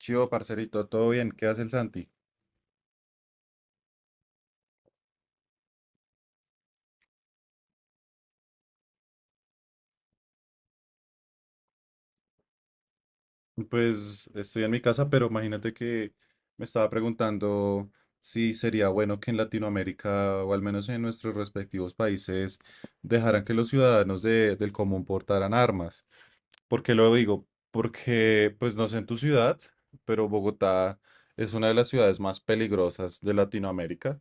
Chivo, parcerito, ¿todo bien? ¿Qué hace el Santi? Pues estoy en mi casa, pero imagínate que me estaba preguntando si sería bueno que en Latinoamérica, o al menos en nuestros respectivos países, dejaran que los ciudadanos del común portaran armas. ¿Por qué lo digo? Porque, pues no sé en tu ciudad, pero Bogotá es una de las ciudades más peligrosas de Latinoamérica.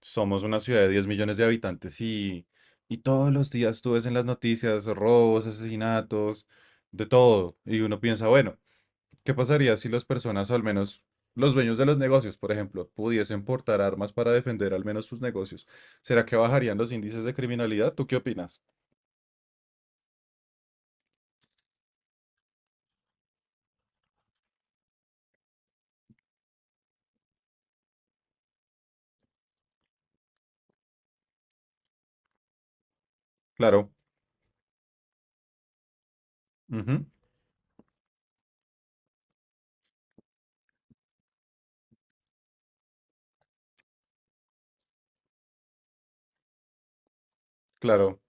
Somos una ciudad de 10 millones de habitantes y todos los días tú ves en las noticias robos, asesinatos, de todo. Y uno piensa, bueno, ¿qué pasaría si las personas, o al menos los dueños de los negocios, por ejemplo, pudiesen portar armas para defender al menos sus negocios? ¿Será que bajarían los índices de criminalidad? ¿Tú qué opinas? Claro, ujú, claro.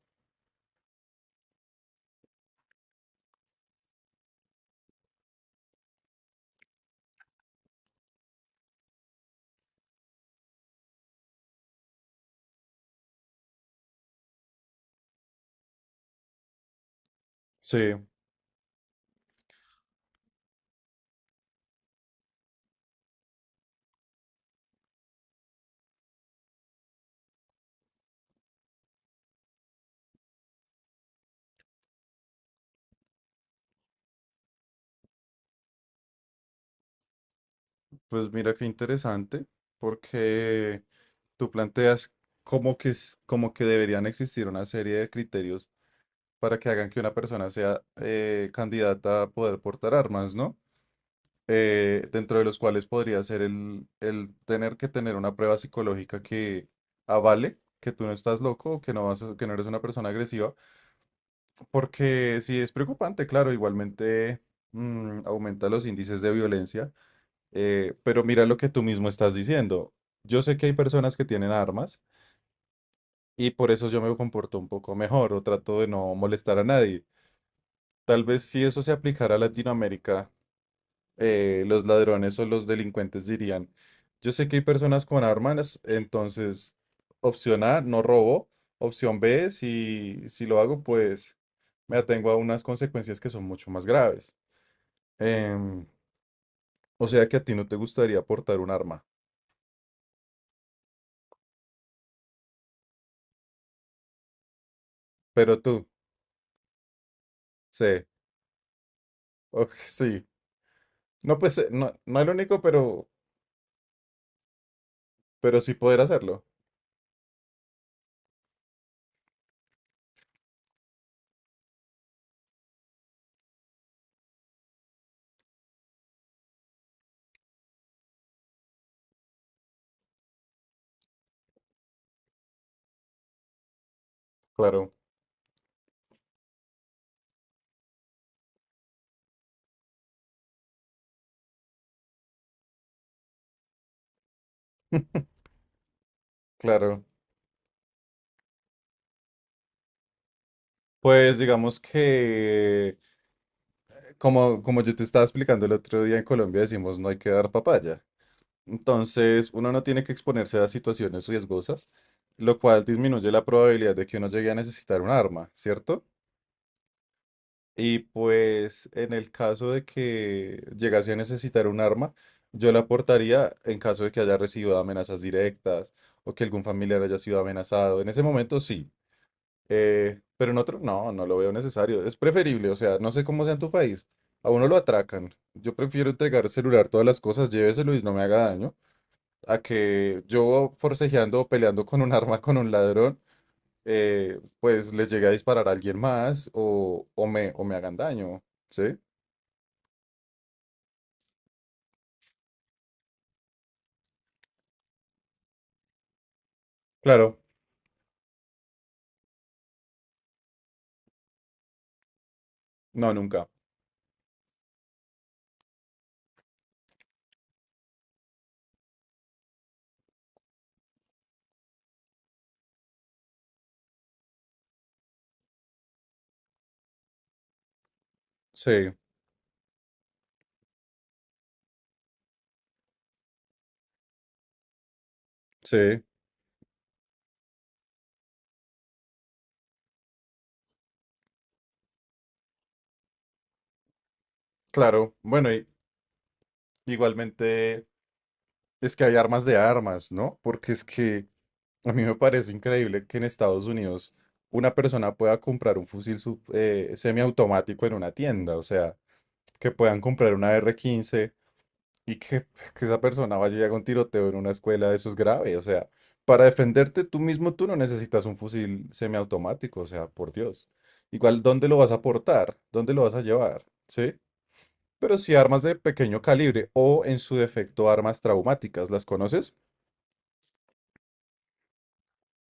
Sí, pues mira qué interesante, porque tú planteas como que, como que deberían existir una serie de criterios para que hagan que una persona sea candidata a poder portar armas, ¿no? Dentro de los cuales podría ser el tener que tener una prueba psicológica que avale que tú no estás loco, o que no que no eres una persona agresiva, porque sí es preocupante, claro, igualmente aumenta los índices de violencia, pero mira lo que tú mismo estás diciendo. Yo sé que hay personas que tienen armas y por eso yo me comporto un poco mejor o trato de no molestar a nadie. Tal vez si eso se aplicara a Latinoamérica, los ladrones o los delincuentes dirían, yo sé que hay personas con armas, entonces opción A, no robo, opción B, si lo hago, pues me atengo a unas consecuencias que son mucho más graves. Em, o sea que a ti no te gustaría portar un arma, pero tú, sí, ok, sí. No, pues no, no el único, pero sí poder hacerlo. Claro, claro. Pues digamos que como yo te estaba explicando el otro día en Colombia, decimos no hay que dar papaya. Entonces, uno no tiene que exponerse a situaciones riesgosas, lo cual disminuye la probabilidad de que uno llegue a necesitar un arma, ¿cierto? Y pues en el caso de que llegase a necesitar un arma, yo la aportaría en caso de que haya recibido amenazas directas o que algún familiar haya sido amenazado. En ese momento sí, pero en otro, no, no lo veo necesario. Es preferible, o sea, no sé cómo sea en tu país. A uno lo atracan. Yo prefiero entregar celular, todas las cosas, lléveselo y no me haga daño, a que yo forcejeando o peleando con un arma con un ladrón, pues les llegue a disparar a alguien más o me hagan daño. ¿Sí? Claro. No, nunca. Sí, sí, claro. Bueno, y igualmente es que hay armas de armas, ¿no? Porque es que. A mí me parece increíble que en Estados Unidos una persona pueda comprar un fusil semiautomático en una tienda, o sea, que puedan comprar una R15 y que, que esa persona vaya y haga un tiroteo en una escuela, eso es grave, o sea, para defenderte tú mismo tú no necesitas un fusil semiautomático, o sea, por Dios. Igual, ¿dónde lo vas a portar? ¿Dónde lo vas a llevar? ¿Sí? Pero si armas de pequeño calibre o en su defecto armas traumáticas, ¿las conoces?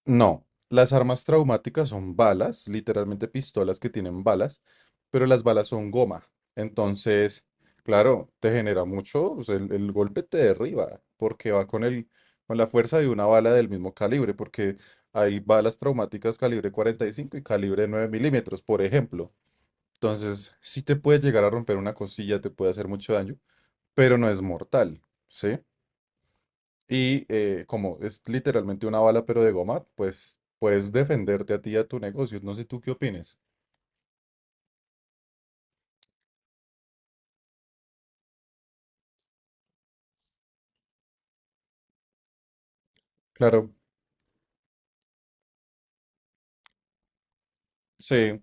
No, las armas traumáticas son balas, literalmente pistolas que tienen balas, pero las balas son goma. Entonces, claro, te genera mucho, o sea, el golpe te derriba, porque va con el, con la fuerza de una bala del mismo calibre, porque hay balas traumáticas calibre 45 y calibre 9 milímetros, por ejemplo. Entonces, sí te puede llegar a romper una costilla, te puede hacer mucho daño, pero no es mortal, ¿sí? Y como es literalmente una bala, pero de goma, pues puedes defenderte a ti y a tu negocio. No sé tú qué opines. Claro, sí,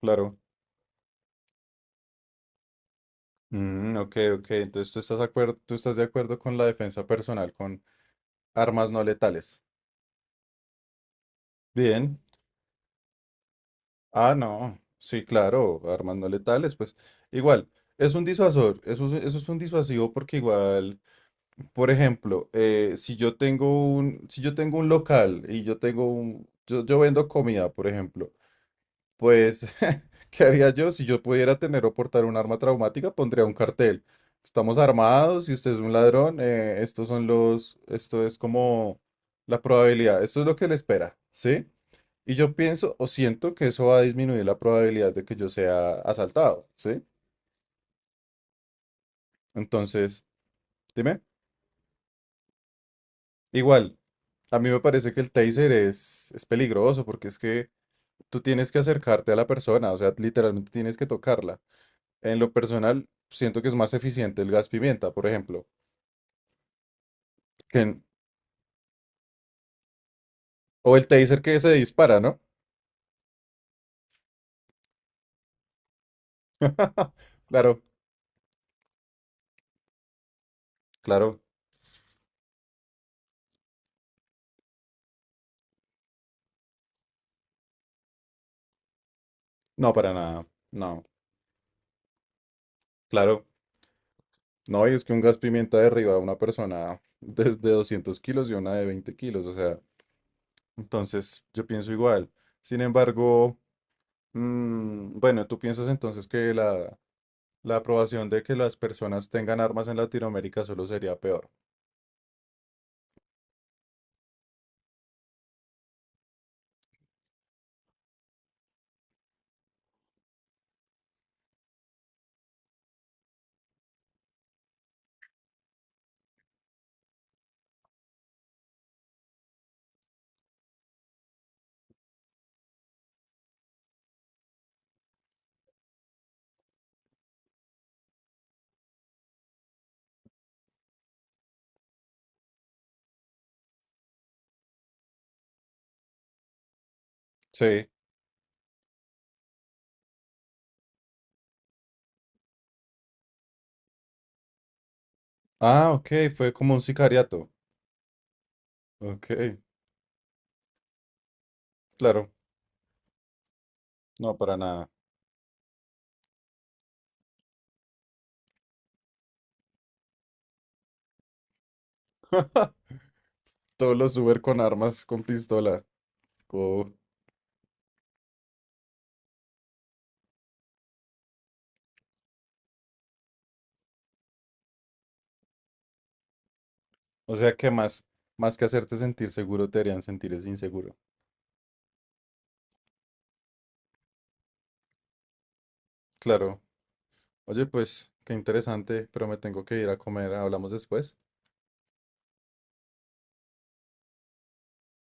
claro. Mm, ok, ok. Entonces tú estás de acuerdo con la defensa personal, con armas no letales. Bien. Ah, no. Sí, claro, armas no letales. Pues igual, es un disuasor. Eso, eso es un disuasivo porque igual, por ejemplo, si yo tengo un local y yo tengo un, yo yo vendo comida, por ejemplo. Pues, ¿qué haría yo? Si yo pudiera tener o portar un arma traumática, pondría un cartel. Estamos armados y usted es un ladrón. Esto es como la probabilidad. Esto es lo que le espera, ¿sí? Y yo pienso o siento que eso va a disminuir la probabilidad de que yo sea asaltado, ¿sí? Entonces, dime, igual, a mí me parece que el taser es peligroso porque es que tú tienes que acercarte a la persona, o sea, literalmente tienes que tocarla. En lo personal, siento que es más eficiente el gas pimienta, por ejemplo, que en- o el taser que se dispara, ¿no? Claro, claro, no para nada, no, claro, no, y es que un gas pimienta derriba a una persona desde 200 kilos y una de 20 kilos, o sea, entonces yo pienso igual. Sin embargo, bueno, tú piensas entonces que la aprobación de que las personas tengan armas en Latinoamérica solo sería peor. Sí. Ah, ok, fue como un sicariato. Ok, claro. No, para nada. Todos los Uber con armas, con pistola. co- O sea que más que hacerte sentir seguro, te harían sentir es inseguro. Claro. Oye, pues, qué interesante, pero me tengo que ir a comer. Hablamos después.